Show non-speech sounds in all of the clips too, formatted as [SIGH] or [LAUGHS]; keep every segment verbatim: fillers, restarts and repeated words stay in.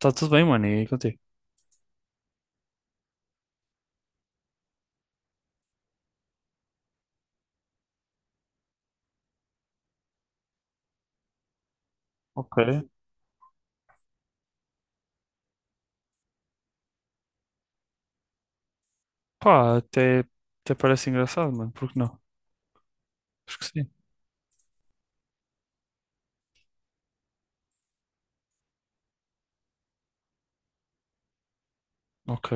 Tá tudo bem, mano, e contigo? Ok. Pá, até, até parece engraçado, mano, por que não? Acho que sim. Ok.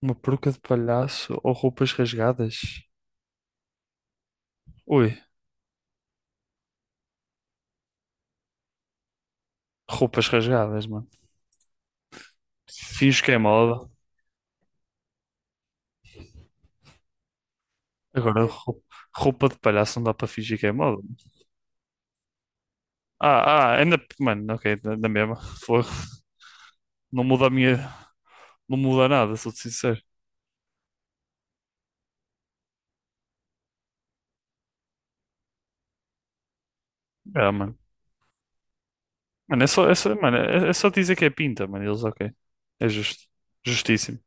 Uma peruca de palhaço ou roupas rasgadas? Ui, roupas rasgadas, mano. Finge que é moda. Agora, rou- roupa de palhaço não dá para fingir que é moda. Ah, ah, ainda, mano, ok, da na mesma. Fogo. Não muda a minha, não muda nada, sou-te sincero. Ah, mano. Mano, é só, é só, mano, é é só dizer que é pinta, mano, eles, ok. É justo. Justíssimo.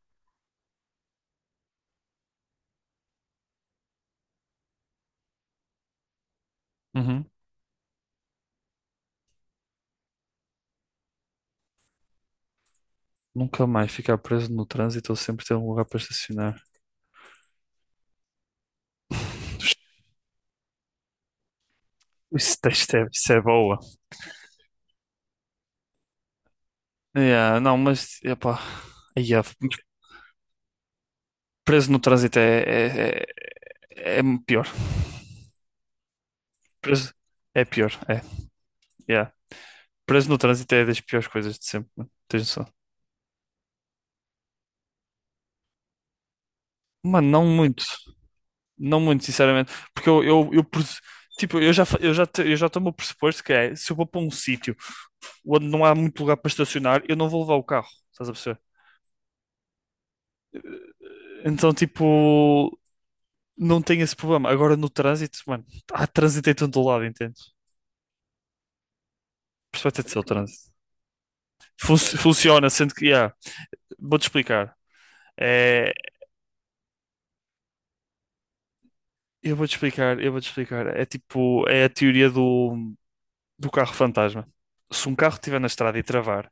Uhum. Nunca mais ficar preso no trânsito ou sempre ter um lugar para estacionar. Isso, isto é, isso é boa. Yeah, não, mas epá, yeah, preso no trânsito é, é, é, é pior. Preso é pior, é. Yeah. Preso no trânsito é das piores coisas de sempre, mano. Tens noção. Mano, não muito. Não muito, sinceramente. Porque eu, eu, eu pres- tipo, eu já, fa- eu já, te- eu já tomo o pressuposto que é, se eu vou para um sítio onde não há muito lugar para estacionar, eu não vou levar o carro. Estás a perceber? Então, tipo, não tem esse problema. Agora no trânsito, mano, há trânsito em todo lado, entende? Por isso vai ter de ser o trânsito. Fun- funciona, sendo que, yeah, vou-te explicar. É, eu vou-te explicar, eu vou-te explicar. É tipo, é a teoria do, do carro fantasma. Se um carro estiver na estrada e travar,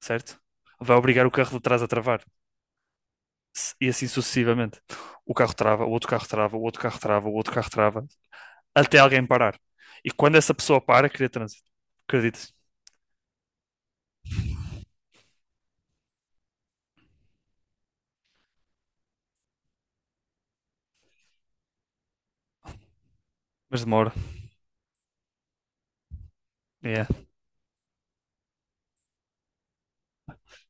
certo? Vai obrigar o carro de trás a travar. Se- E assim sucessivamente. O carro trava, o outro carro trava, o outro carro trava, o outro carro trava, até alguém parar. E quando essa pessoa para, cria trânsito. Acreditas? Mas demora. É.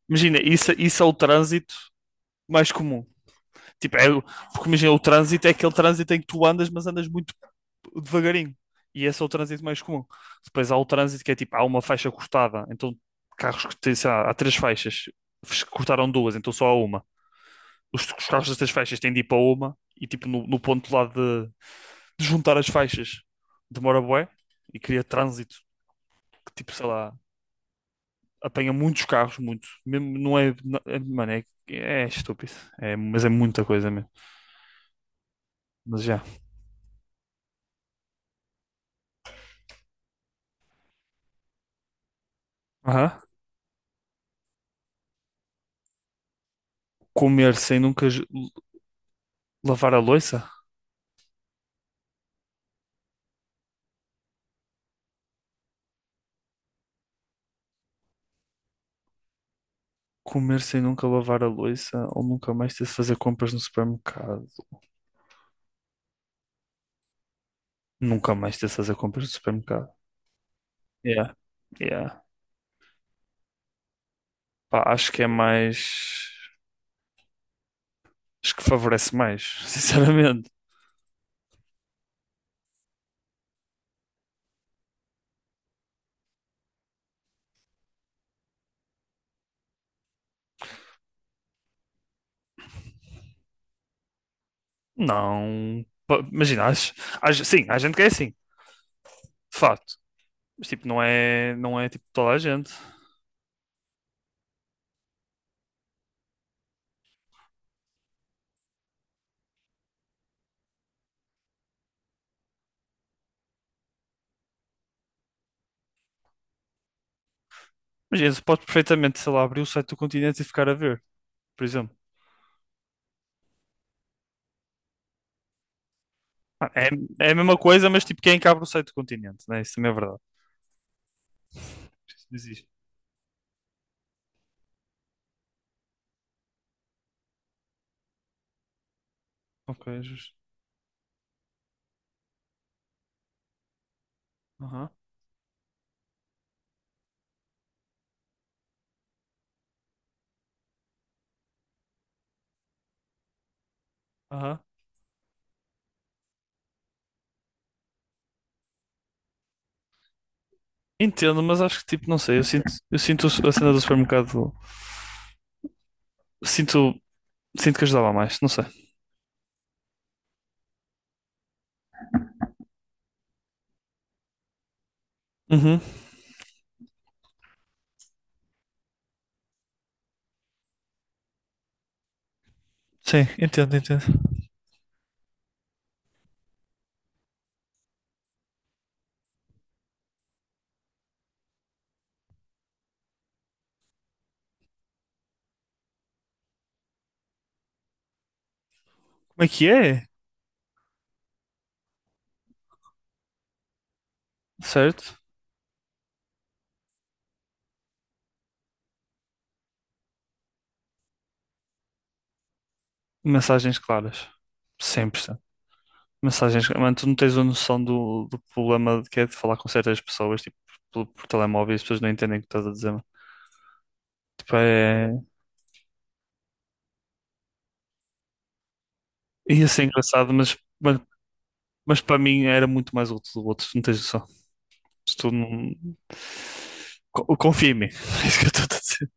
Imagina, isso, isso é o trânsito mais comum. Tipo, é, o- porque imagina, o trânsito é aquele trânsito em que tu andas, mas andas muito devagarinho. E esse é o trânsito mais comum. Depois há o trânsito que é tipo, há uma faixa cortada. Então, carros que têm, sei lá, há três faixas, Fes- cortaram duas, então só há uma. Os, os carros das três faixas têm de ir para uma e tipo, no, no ponto lá de, de juntar as faixas demora bué e cria trânsito que tipo, sei lá, apanha muitos carros, muito. Mesmo, não é, não- é- mano, é, é estúpido. É, mas é muita coisa mesmo. Mas já. Aham. Comer sem nunca j- lavar a louça? Comer sem nunca lavar a louça ou nunca mais ter de fazer compras no supermercado? Nunca mais ter de fazer compras no supermercado. Yeah. Yeah. Pá, acho que é mais. Acho que favorece mais, [LAUGHS] sinceramente. Não. Pá, imagina, acho, acho- sim, há gente que é assim, de facto. Mas tipo, não é, não é tipo toda a gente. Imagina, se podes perfeitamente, sei lá, abrir o site do Continente e ficar a ver, por exemplo. Ah, é, é a mesma coisa, mas tipo, quem é que abre o site do Continente, né? Isso também é verdade. Isso existe. Ok, justo. Aham, aham. Entendo, mas acho que tipo, não sei, eu sinto, eu sinto a cena do supermercado. Sinto, sinto que ajudava mais, não sei. Uhum. Sim, entendo, entendo. Como é que é? Certo? Mensagens claras. cem por cento. Mensagens, claras. Mano, tu não tens a noção do, do problema que é de falar com certas pessoas, tipo, por, por telemóvel e as pessoas não entendem o que estás a dizer. Pá, é- Ia ser engraçado, mas, mas, mas para mim era muito mais útil do outro, não tens noção. Se tu não... Co- Confia em mim, [LAUGHS] é isso que eu estou a dizer.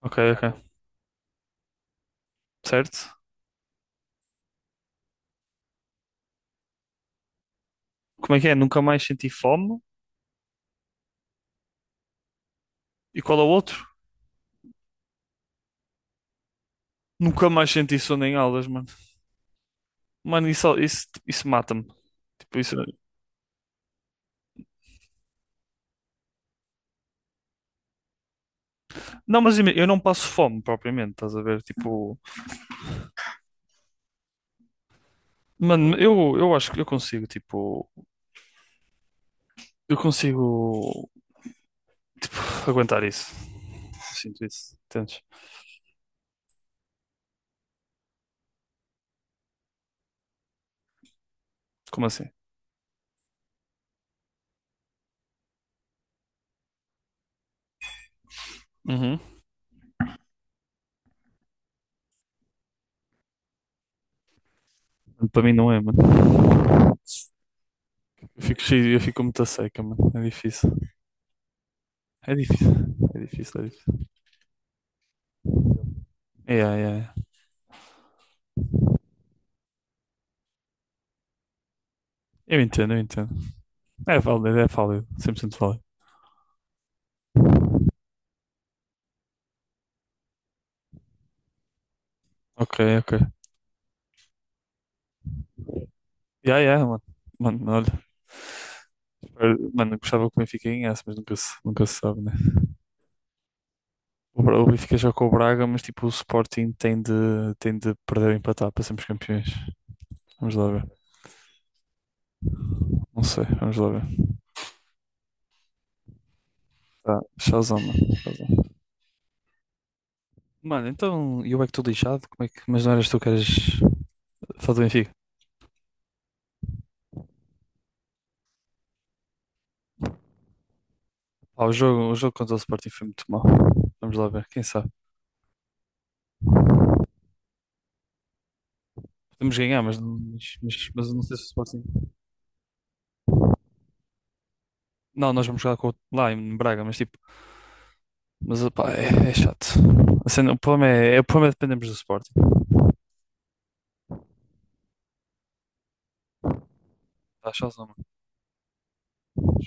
Ok, ok, certo. Como é que é? Nunca mais senti fome? E qual é o outro? Nunca mais senti sono em aulas, mano. Mano, isso, isso, isso mata-me. Tipo, isso... Não, mas ima- eu não passo fome propriamente, estás a ver? Tipo, mano, eu, eu acho que eu consigo, tipo, eu consigo, tipo, aguentar isso. Sinto isso, entendes? Como assim? Uhum. Para mim não é, mano. Eu fico cheio, eu fico muito a seca, mano. É difícil. É difícil. É difícil, é difícil. Yeah, yeah, yeah. Eu entendo, eu entendo. É válido, é válido. cem por cento válido. Ok, ok. Yeah, yeah, mano. Mano, olha. espero- Mano, eu gostava que o Benfica ganhasse, mas nunca se, nunca se sabe, né? O Bra- o Benfica joga com o Braga, mas tipo, o Sporting tem de, tem de perder ou empatar para sermos campeões. Vamos lá ver. Não sei, vamos lá ver. Tá, tchauzão, mano. Tchauzão. Mano, então, e eu é que estou lixado? Como é que... Mas não eras tu que eras fã do Benfica? Ah, o jogo, o jogo contra o Sporting foi muito mau. Vamos lá ver, quem sabe. Podemos ganhar, mas, não- mas, mas, mas eu não sei se o Sporting. Não, nós vamos jogar com o- lá em Braga, mas tipo. Mas opá, é, é chato. A cena- o problema é, é, o problema é dependemos do Sporting. Tá chato, não, mano?